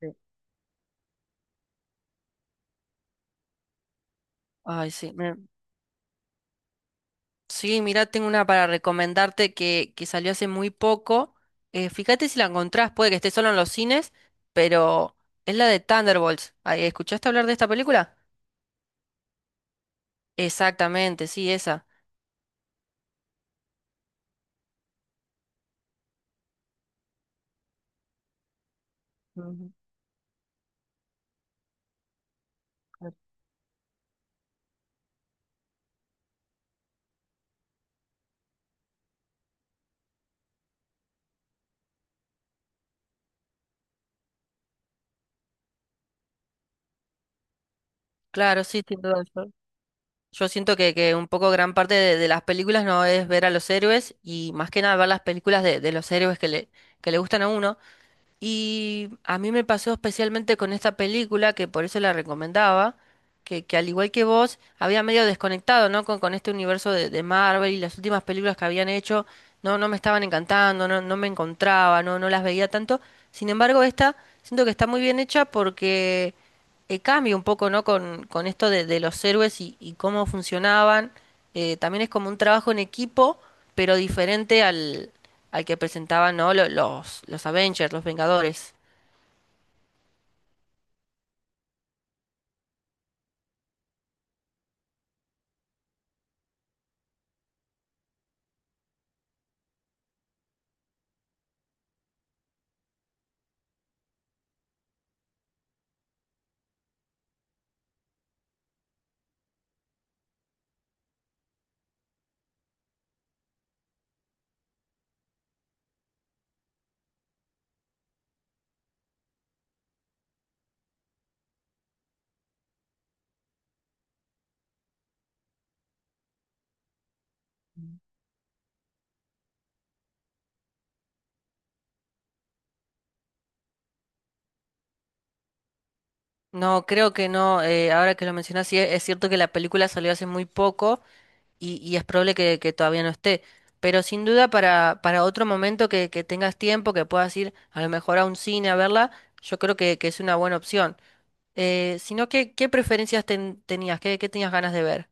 Sí. Ay, sí. Sí, mira, tengo una para recomendarte que salió hace muy poco. Fíjate si la encontrás, puede que esté solo en los cines, pero es la de Thunderbolts. Ay, ¿escuchaste hablar de esta película? Exactamente, sí, esa. Ujú, claro. Claro, sí, sin duda. Yo siento que un poco gran parte de las películas no es ver a los héroes y más que nada ver las películas de los héroes que le gustan a uno. Y a mí me pasó especialmente con esta película, que por eso la recomendaba, que al igual que vos, había medio desconectado, ¿no? Con este universo de Marvel y las últimas películas que habían hecho, no me estaban encantando, no me encontraba, no las veía tanto. Sin embargo, esta siento que está muy bien hecha porque cambia un poco, ¿no? Con esto de los héroes y cómo funcionaban. También es como un trabajo en equipo, pero diferente al que presentaban, ¿no? Los Avengers, los Vengadores. No, creo que no. Ahora que lo mencionas, sí, es cierto que la película salió hace muy poco y es probable que todavía no esté. Pero sin duda para otro momento que tengas tiempo, que puedas ir a lo mejor a un cine a verla, yo creo que es una buena opción. Sino que, ¿qué tenías? ¿Qué, qué tenías ganas de ver?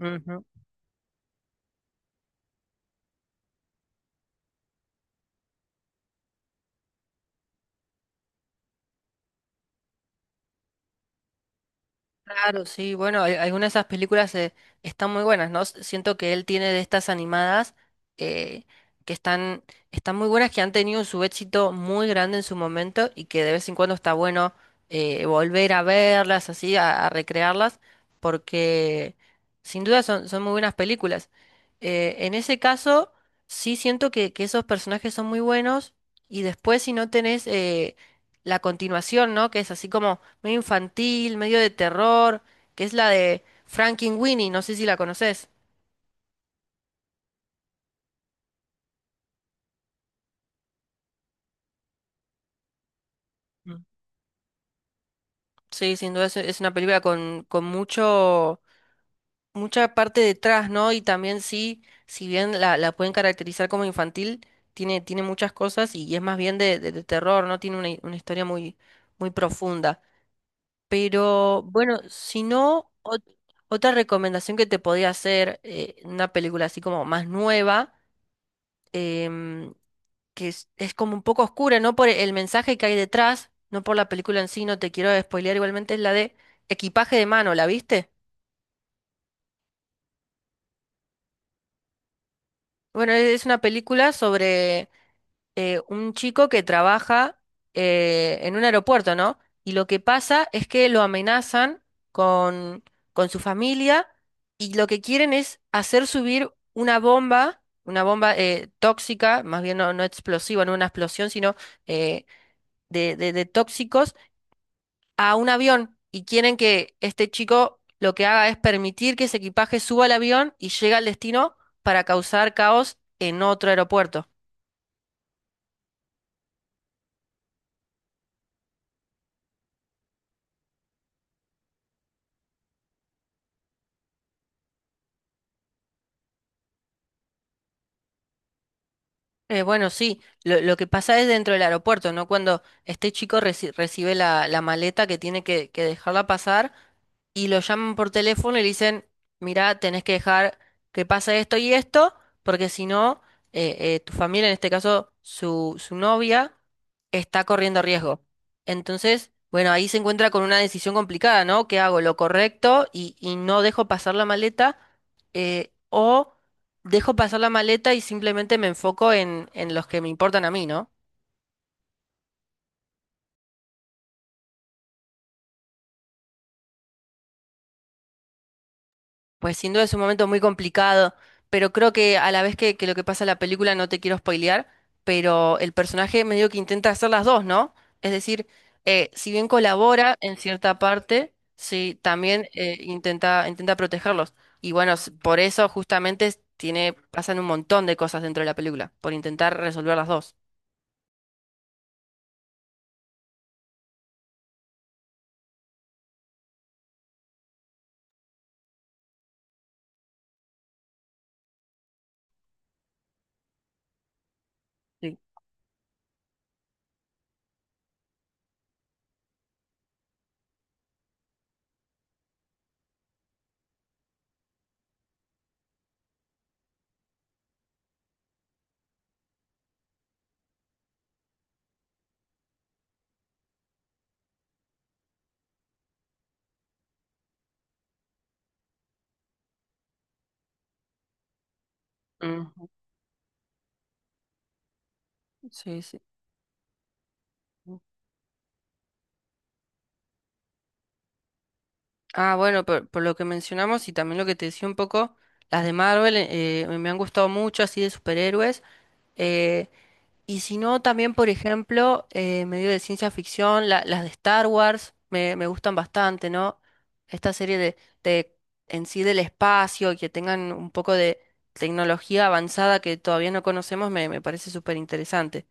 Ujú. Claro, sí, bueno, algunas de esas películas están muy buenas, ¿no? Siento que él tiene de estas animadas eh, que están muy buenas, que han tenido su éxito muy grande en su momento y que de vez en cuando está bueno volver a verlas, así, a recrearlas, porque sin duda son muy buenas películas. En ese caso, sí siento que esos personajes son muy buenos y después si no tenés la continuación, ¿no? Que es así como medio infantil, medio de terror, que es la de Frankenweenie, no sé si la conoces. Mm. Sí, sin duda es una película con mucho, mucha parte detrás, ¿no? Y también sí, si bien la pueden caracterizar como infantil, tiene muchas cosas y es más bien de terror, ¿no? Tiene una, una historia muy, muy profunda. Pero bueno, si no, otra recomendación que te podría hacer, una película así como más nueva. em, que es como un poco oscura, no por el mensaje que hay detrás, no por la película en sí, no te quiero spoilear igualmente, es la de Equipaje de mano, ¿la viste? Bueno, es una película sobre un chico que trabaja en un aeropuerto, ¿no? Y lo que pasa es que lo amenazan con, con su familia y lo que quieren es hacer subir una bomba tóxica, más bien no, no explosiva, no una explosión, sino eh, de, de tóxicos a un avión y quieren que este chico lo que haga es permitir que ese equipaje suba al avión y llegue al destino para causar caos en otro aeropuerto. Bueno, sí, lo que pasa es dentro del aeropuerto, ¿no? Cuando este chico recibe la maleta que tiene que dejarla pasar y lo llaman por teléfono y le dicen, mirá, tenés que dejar que pase esto y esto, porque si no, tu familia, en este caso su novia, está corriendo riesgo. Entonces, bueno, ahí se encuentra con una decisión complicada, ¿no? ¿Qué hago? ¿Lo correcto y no dejo pasar la maleta? O dejo pasar la maleta y simplemente me enfoco en los que me importan a mí, ¿no? Pues sin duda es un momento muy complicado, pero creo que a la vez que lo que pasa en la película no te quiero spoilear, pero el personaje medio que intenta hacer las dos, ¿no? Es decir, si bien colabora en cierta parte, sí, también intenta, intenta protegerlos. Y bueno, por eso justamente tiene, pasan un montón de cosas dentro de la película, por intentar resolver las dos. Sí. Ujú. Sí, sí. Ah, bueno, por lo que mencionamos y también lo que te decía un poco, las de Marvel me han gustado mucho, así de superhéroes. eh, y si no, también, por ejemplo, medio de ciencia ficción, las de Star Wars me, me gustan bastante, ¿no? Esta serie de en sí del espacio, y que tengan un poco de tecnología avanzada que todavía no conocemos, me parece súper interesante.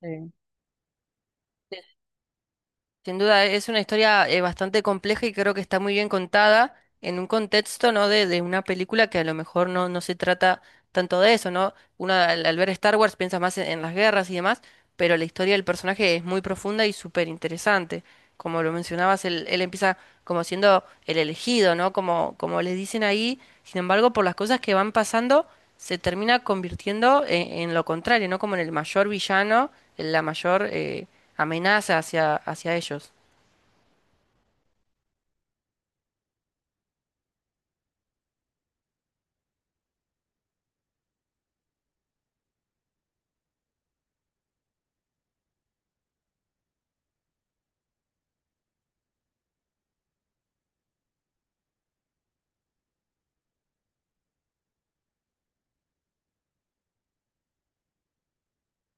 Sí. Sin duda, es una historia bastante compleja y creo que está muy bien contada en un contexto, ¿no? De una película que a lo mejor no, no se trata tanto de eso, ¿no? Uno al ver Star Wars piensa más en las guerras y demás, pero la historia del personaje es muy profunda y súper interesante. Como lo mencionabas, él empieza como siendo el elegido, ¿no? Como, como les dicen ahí, sin embargo, por las cosas que van pasando se termina convirtiendo en lo contrario, ¿no? Como en el mayor villano, en la mayor amenaza hacia, hacia ellos.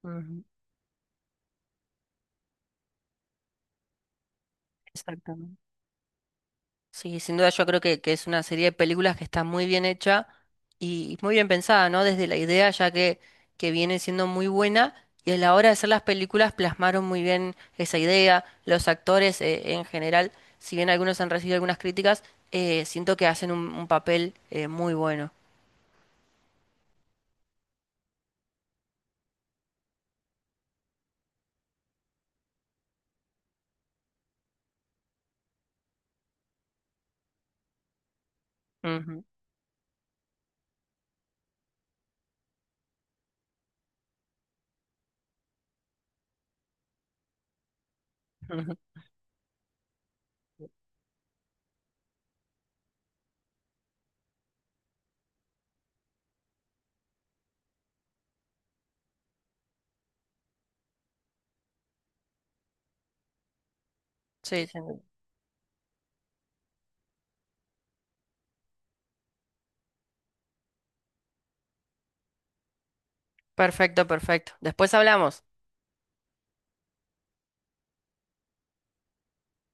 Ujú. Exactamente. Sí, sin duda yo creo que es una serie de películas que está muy bien hecha y muy bien pensada, ¿no? Desde la idea ya que viene siendo muy buena y a la hora de hacer las películas plasmaron muy bien esa idea. Los actores en general, si bien algunos han recibido algunas críticas, siento que hacen un papel muy bueno. Ujú, ujú. Sí, sí. Perfecto, perfecto. Después hablamos.